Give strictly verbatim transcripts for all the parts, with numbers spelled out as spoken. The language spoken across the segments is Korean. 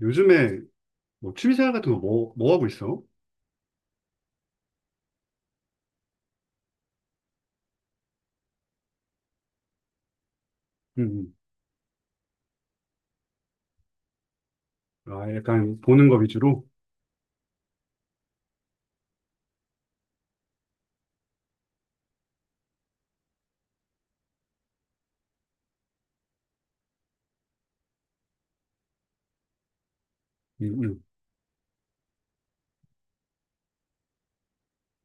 요즘에 뭐 취미생활 같은 거 뭐, 뭐 하고 있어? 음, 음. 아, 약간 보는 거 위주로? 음, 음.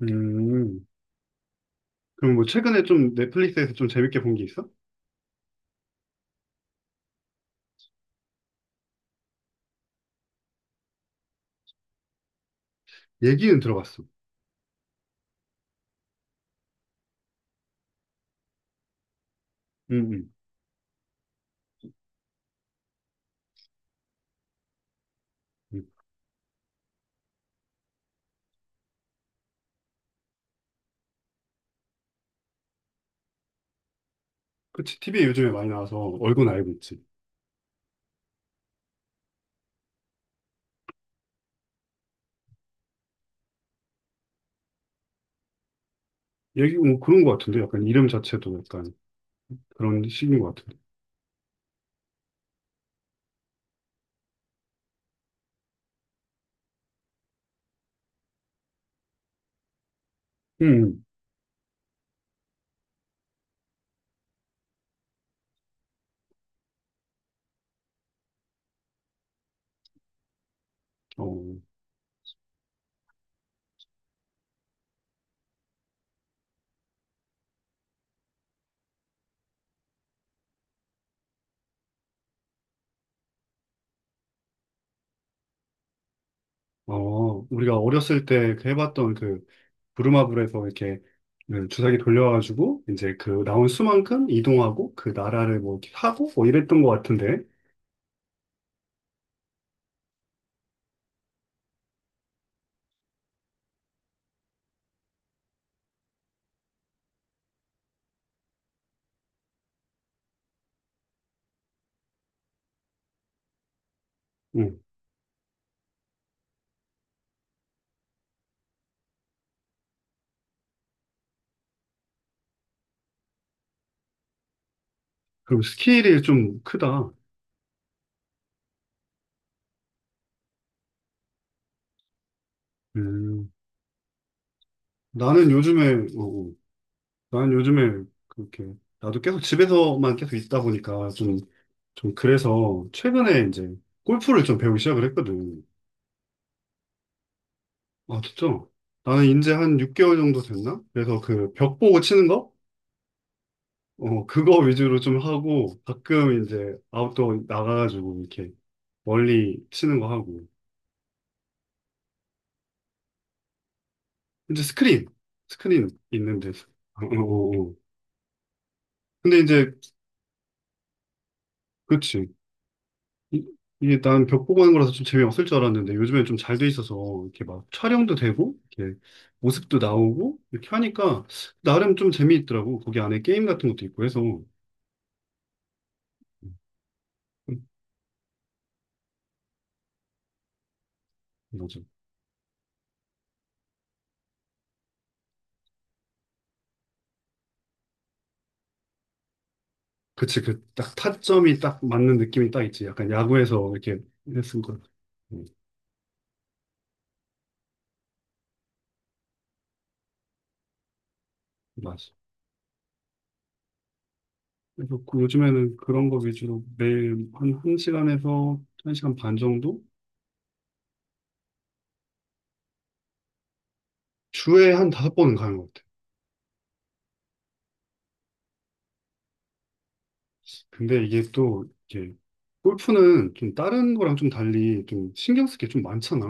음. 그럼 뭐 최근에 좀 넷플릭스에서 좀 재밌게 본 게 있어? 얘기는 들어봤어. 음, 음. 음. 그치, 티비에 요즘에 많이 나와서 얼굴 알고 있지. 얘기 뭐 그런 거 같은데? 약간 이름 자체도 약간 그런 식인 것 같은데. 음, 음. 어, 어, 우리가 어렸을 때 그 해봤던 그 부루마블에서 이렇게 그 주사기 돌려가지고 이제 그 나온 수만큼 이동하고 그 나라를 뭐 이렇게 하고 뭐 이랬던 것 같은데. 응. 그럼 스케일이 좀 크다. 음. 나는 요즘에 어, 어. 나는 요즘에 그렇게 나도 계속 집에서만 계속 있다 보니까 좀 좀 그래서 최근에 이제 골프를 좀 배우기 시작을 했거든. 아 진짜? 나는 이제 한 육 개월 정도 됐나? 그래서 그 벽 보고 치는 거? 어, 그거 위주로 좀 하고, 가끔 이제 아웃도어 나가가지고 이렇게 멀리 치는 거 하고. 이제 스크린, 스크린 있는데. 어, 어, 어. 어. 근데 이제, 그치. 이, 이게 난 벽 보고 하는 거라서 좀 재미없을 줄 알았는데, 요즘엔 좀 잘 돼 있어서, 이렇게 막 촬영도 되고, 이렇게 모습도 나오고, 이렇게 하니까, 나름 좀 재미있더라고. 거기 안에 게임 같은 것도 있고 해서. 음, 맞아. 그치, 그, 딱 타점이 딱 맞는 느낌이 딱 있지. 약간 야구에서 이렇게 했을 거. 맞아. 그래서 그 요즘에는 그런 거 위주로 매일 한 1시간에서 한 시간 반 정도? 주에 한 다섯 번은 가는 것 같아. 근데 이게 또, 이게, 골프는 좀 다른 거랑 좀 달리 좀 신경 쓸 게 좀 많잖아.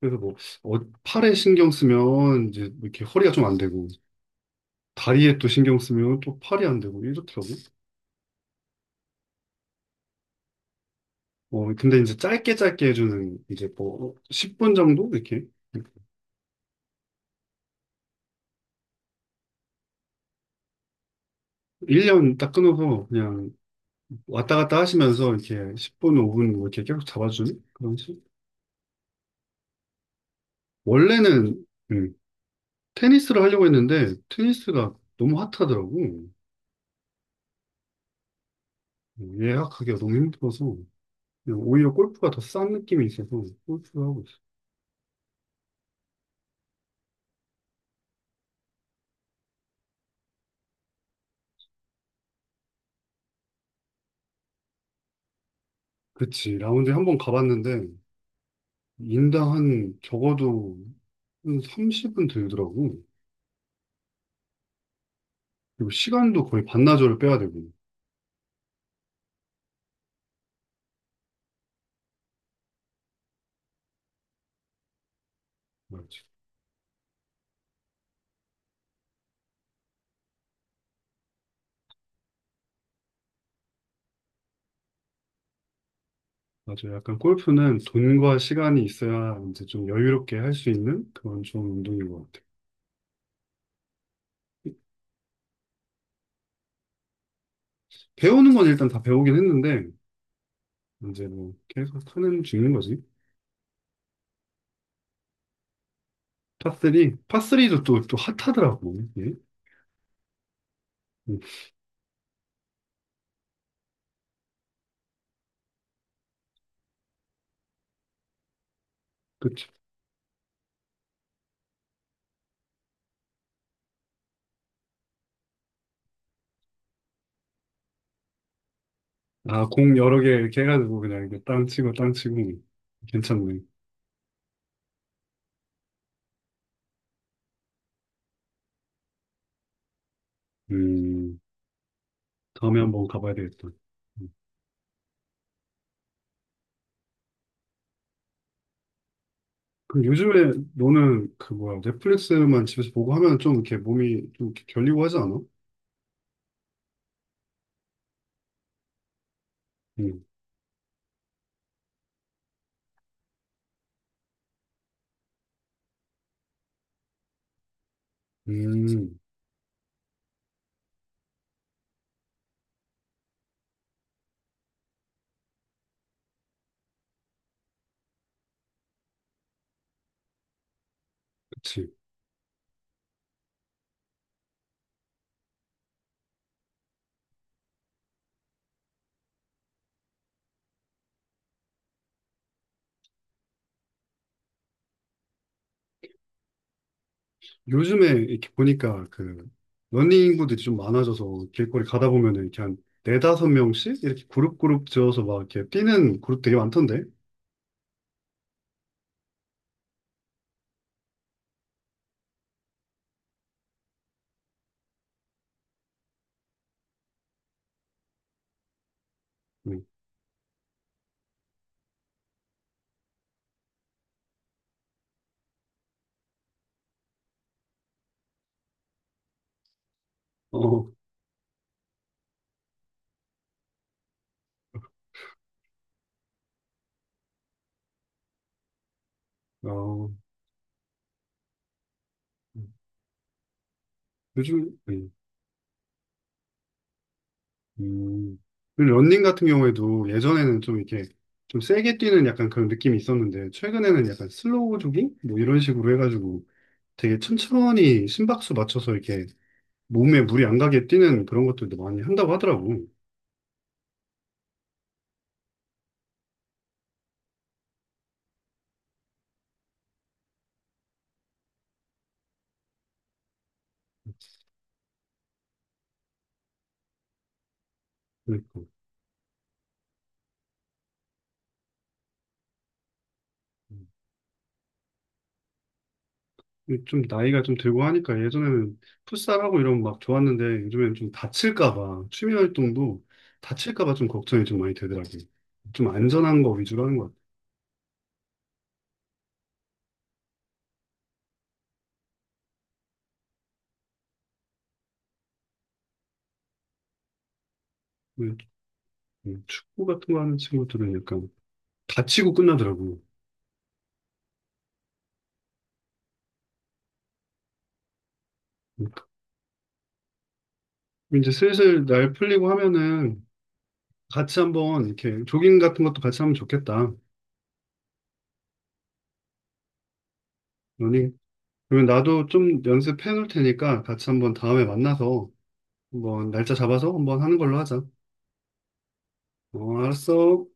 그래서 뭐, 어, 팔에 신경 쓰면 이제 뭐 이렇게 허리가 좀 안 되고, 다리에 또 신경 쓰면 또 팔이 안 되고, 이렇더라고. 어, 근데 이제 짧게 짧게 해주는 이제 뭐, 십 분 정도? 이렇게. 일 년 딱 끊어서 그냥 왔다 갔다 하시면서 이렇게 십 분, 오 분 뭐 이렇게 계속 잡아주는 그런 식? 원래는 음, 테니스를 하려고 했는데 테니스가 너무 핫하더라고. 음, 예약하기가 너무 힘들어서 그냥 오히려 골프가 더 싼 느낌이 있어서 골프를 하고 있어. 그치. 라운드에 한 번 가봤는데 인당 한 적어도 한 삼십은 들더라고. 그리고 시간도 거의 반나절을 빼야 되고. 맞지. 맞아요. 약간 골프는 돈과 시간이 있어야 이제 좀 여유롭게 할 수 있는 그런 좋은 운동인 것 같아요. 배우는 건 일단 다 배우긴 했는데 이제 뭐 계속 타는 중인 거지. 파삼, 파삼도 또, 또 핫하더라고. 예? 음, 그치. 아, 공 여러 개 이렇게 해가지고 그냥 이렇게 땅 치고 땅 치고 괜찮네. 음, 다음에 한번 가봐야 되겠다. 음. 그 요즘에 너는 그 뭐야 넷플릭스만 집에서 보고 하면 좀 이렇게 몸이 좀 이렇게 결리고 하지 않아? 음, 음, 그치. 요즘에 이렇게 보니까 그 러닝 인구들이 좀 많아져서 길거리 가다 보면은 이렇게 한 네다섯 명씩 이렇게 그룹 그룹 지어서 막 이렇게 뛰는 그룹 되게 많던데. 음. 어, 어, 요즘, 음. 음. 그리고 러닝 같은 경우에도 예전에는 좀 이렇게 좀 세게 뛰는 약간 그런 느낌이 있었는데 최근에는 약간 슬로우 조깅? 뭐 이런 식으로 해가지고 되게 천천히 심박수 맞춰서 이렇게 몸에 무리 안 가게 뛰는 그런 것들도 많이 한다고 하더라고. 그러니까. 좀 나이가 좀 들고 하니까 예전에는 풋살하고 이러면 막 좋았는데 요즘에는 좀 다칠까 봐 취미 활동도 다칠까 봐 좀 걱정이 좀 많이 되더라고요. 좀 안전한 거 위주로 하는 것 같아요. 음, 음, 축구 같은 거 하는 친구들은 약간 다치고 끝나더라고요. 음, 이제 슬슬 날 풀리고 하면은 같이 한번 이렇게 조깅 같은 것도 같이 하면 좋겠다. 러닝. 그러면 나도 좀 연습해 놓을 테니까 같이 한번 다음에 만나서 한번 날짜 잡아서 한번 하는 걸로 하자. 어, 알았어.